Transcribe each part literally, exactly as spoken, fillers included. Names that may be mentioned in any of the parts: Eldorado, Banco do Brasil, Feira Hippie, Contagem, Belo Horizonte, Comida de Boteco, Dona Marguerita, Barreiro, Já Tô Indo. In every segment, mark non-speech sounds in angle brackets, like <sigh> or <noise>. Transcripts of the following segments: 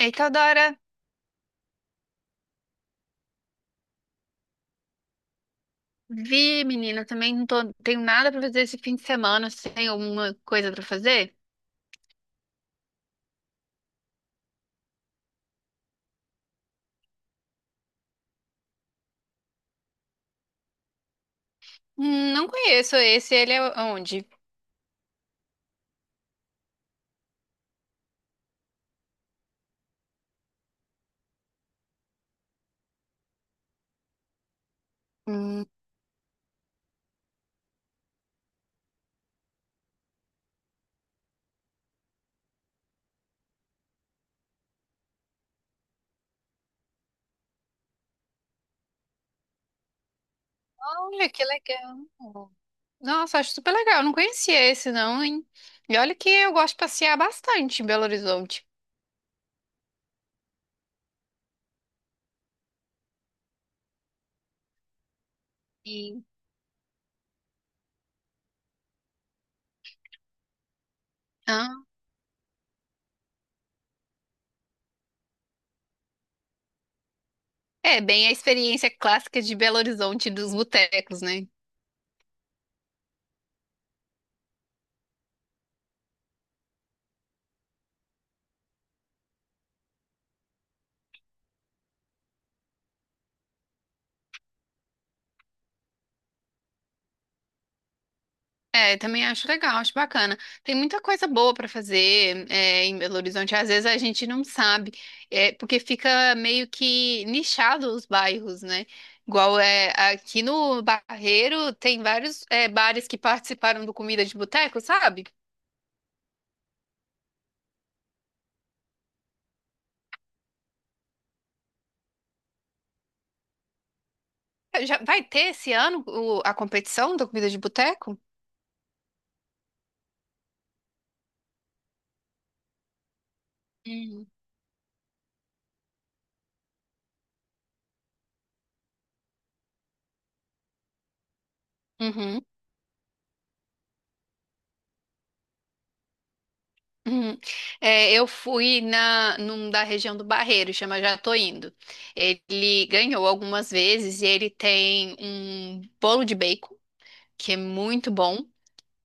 Eita, Dora, vi, menina, também não tô, tenho nada pra fazer esse fim de semana. Você tem alguma coisa pra fazer? Hum, Não conheço esse, ele é onde? Hum. Olha, que legal. Nossa, acho super legal. Não conhecia esse, não, hein? E olha que eu gosto de passear bastante em Belo Horizonte. e- ah, É bem a experiência clássica de Belo Horizonte dos botecos, né? É, também acho legal, acho bacana. Tem muita coisa boa para fazer, é, em Belo Horizonte. Às vezes a gente não sabe, é, porque fica meio que nichado os bairros, né? Igual é, aqui no Barreiro tem vários, é, bares que participaram do Comida de Boteco, sabe? Já vai ter esse ano o- a competição do Comida de Boteco? Uhum. Uhum. Uhum. É, eu fui na, num da região do Barreiro, chama Já Tô Indo. Ele ganhou algumas vezes e ele tem um bolo de bacon, que é muito bom.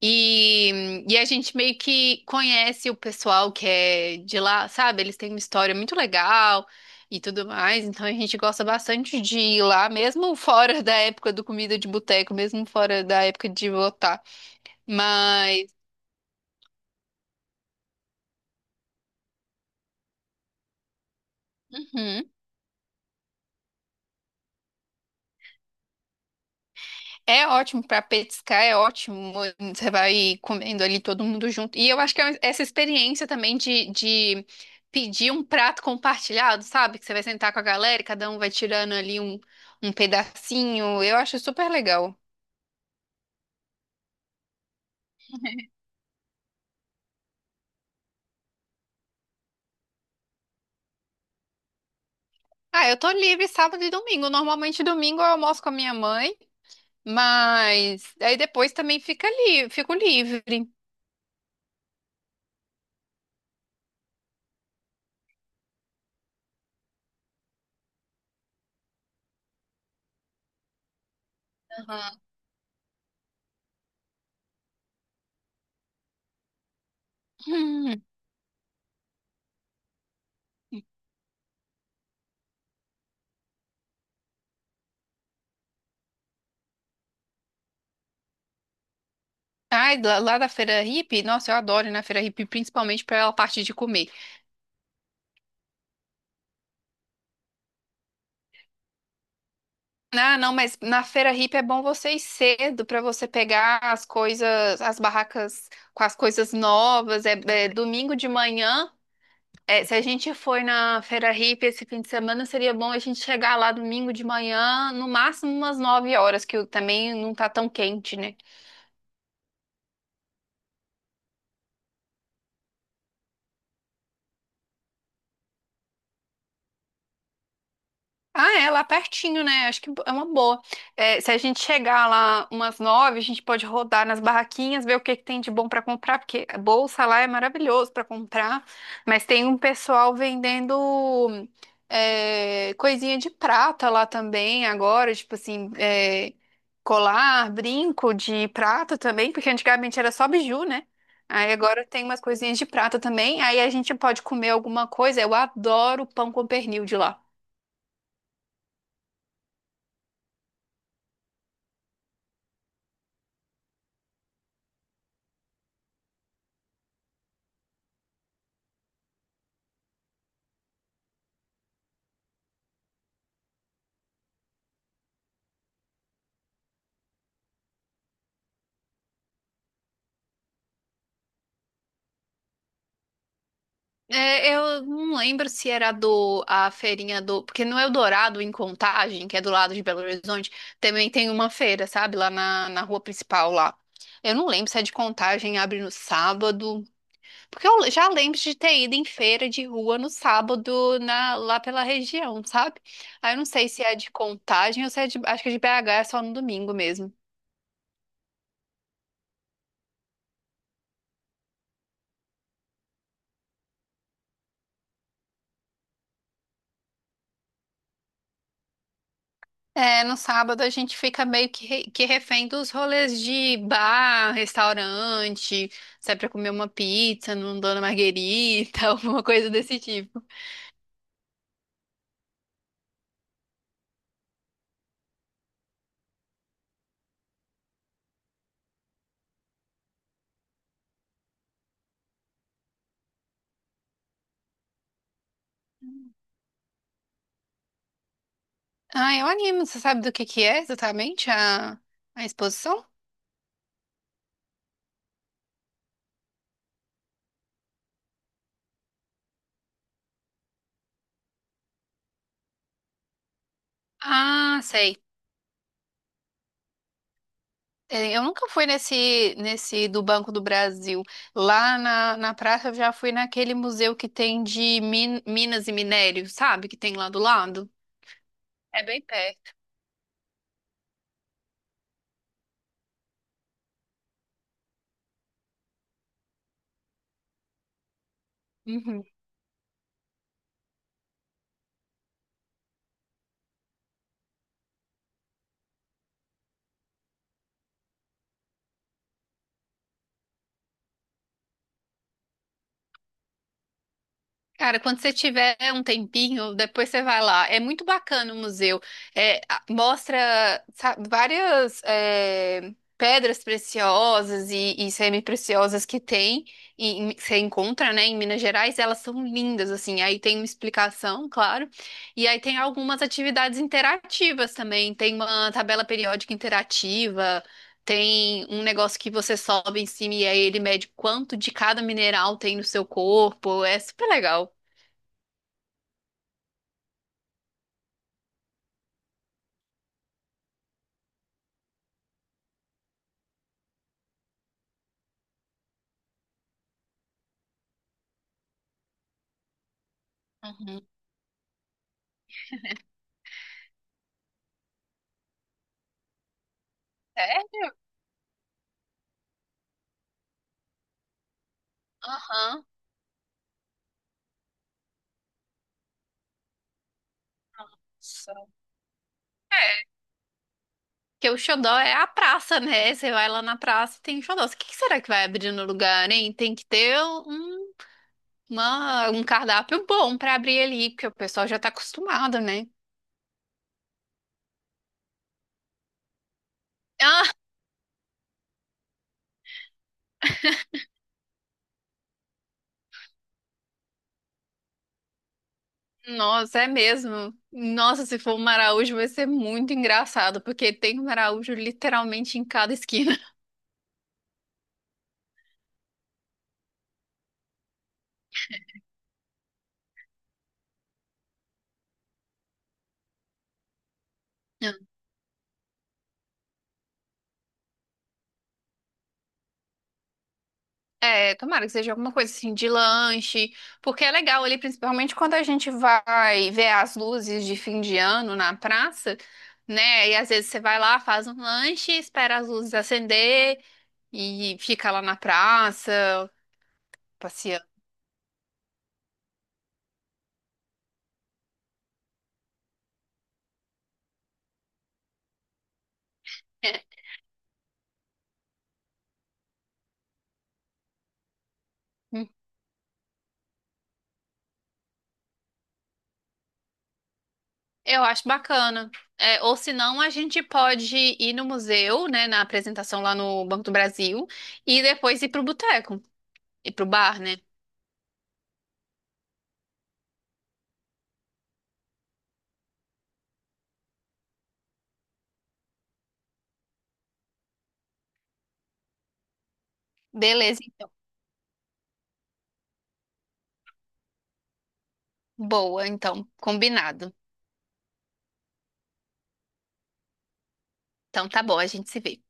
E, e a gente meio que conhece o pessoal que é de lá, sabe? Eles têm uma história muito legal e tudo mais. Então a gente gosta bastante de ir lá, mesmo fora da época do comida de boteco, mesmo fora da época de votar. Mas. Uhum. É ótimo para petiscar, é ótimo. Você vai comendo ali todo mundo junto. E eu acho que é essa experiência também de, de pedir um prato compartilhado, sabe? Que você vai sentar com a galera e cada um vai tirando ali um, um pedacinho. Eu acho super legal. Ah, eu tô livre sábado e domingo. Normalmente domingo eu almoço com a minha mãe, mas aí depois também fica ali, fico livre. Aham. Hum. Ai, lá, lá da Feira Hippie, nossa, eu adoro ir na Feira Hippie, principalmente pela parte de comer. Ah, não, mas na feira hippie é bom você ir cedo para você pegar as coisas, as barracas com as coisas novas. É, é domingo de manhã. É, se a gente for na feira hippie esse fim de semana, seria bom a gente chegar lá domingo de manhã, no máximo umas nove horas, que o- também não tá tão quente, né? Ah, é, lá pertinho, né? Acho que é uma boa. É, se a gente chegar lá umas nove, a gente pode rodar nas barraquinhas, ver o que que tem de bom para comprar, porque a bolsa lá é maravilhoso para comprar, mas tem um pessoal vendendo é, coisinha de prata lá também agora, tipo assim, é, colar, brinco de prata também, porque antigamente era só biju, né? Aí agora tem umas coisinhas de prata também, aí a gente pode comer alguma coisa. Eu adoro pão com pernil de lá. É, eu não lembro se era do a feirinha do, porque no Eldorado em Contagem, que é do lado de Belo Horizonte, também tem uma feira, sabe, lá na, na rua principal lá. Eu não lembro se é de Contagem, abre no sábado, porque eu já lembro de ter ido em feira de rua no sábado na, lá pela região, sabe? Aí eu não sei se é de Contagem ou se é de, acho que é de B H, é só no domingo mesmo. É, no sábado a gente fica meio que, re- que refém dos rolês de bar, restaurante, sai pra comer uma pizza num Dona Marguerita, <laughs> alguma coisa desse tipo. Ah, eu animo. Você sabe do que que é exatamente a, a exposição? Ah, sei. É, eu nunca fui nesse, nesse do Banco do Brasil. Lá na, na praça eu já fui naquele museu que tem de min- minas e minério, sabe? Que tem lá do lado. É bem perto. Uhum. Cara, quando você tiver um tempinho, depois você vai lá. É muito bacana o museu. É, a- mostra, sabe, várias é, pedras preciosas e, e semi-preciosas que tem, e, e que você encontra, né, em Minas Gerais. Elas são lindas, assim. Aí tem uma explicação, claro. E aí tem algumas atividades interativas também. Tem uma tabela periódica interativa. Tem um negócio que você sobe em cima e aí ele mede quanto de cada mineral tem no seu corpo. É super legal. Uhum. Sério? Aham. Só. É. Porque o xodó é a praça, né? Você vai lá na praça e tem xodó. O que que será que vai abrir no lugar, hein? Tem que ter um, uma- um cardápio bom pra abrir ali, porque o pessoal já tá acostumado, né? Ah, nossa, é mesmo. Nossa, se for um maraújo vai ser muito engraçado, porque tem um maraújo literalmente em cada esquina. É, tomara que seja alguma coisa assim de lanche, porque é legal ali, principalmente quando a gente vai ver as luzes de fim de ano na praça, né? E às vezes você vai lá, faz um lanche, espera as luzes acender e fica lá na praça, passeando. É, hum, eu acho bacana. É, ou senão a gente pode ir no museu, né, na apresentação lá no Banco do Brasil, e depois ir pro boteco, ir pro bar, né? Beleza, então. Boa, então, combinado. Então tá bom, a gente se vê.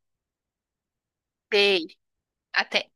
Beijo, até.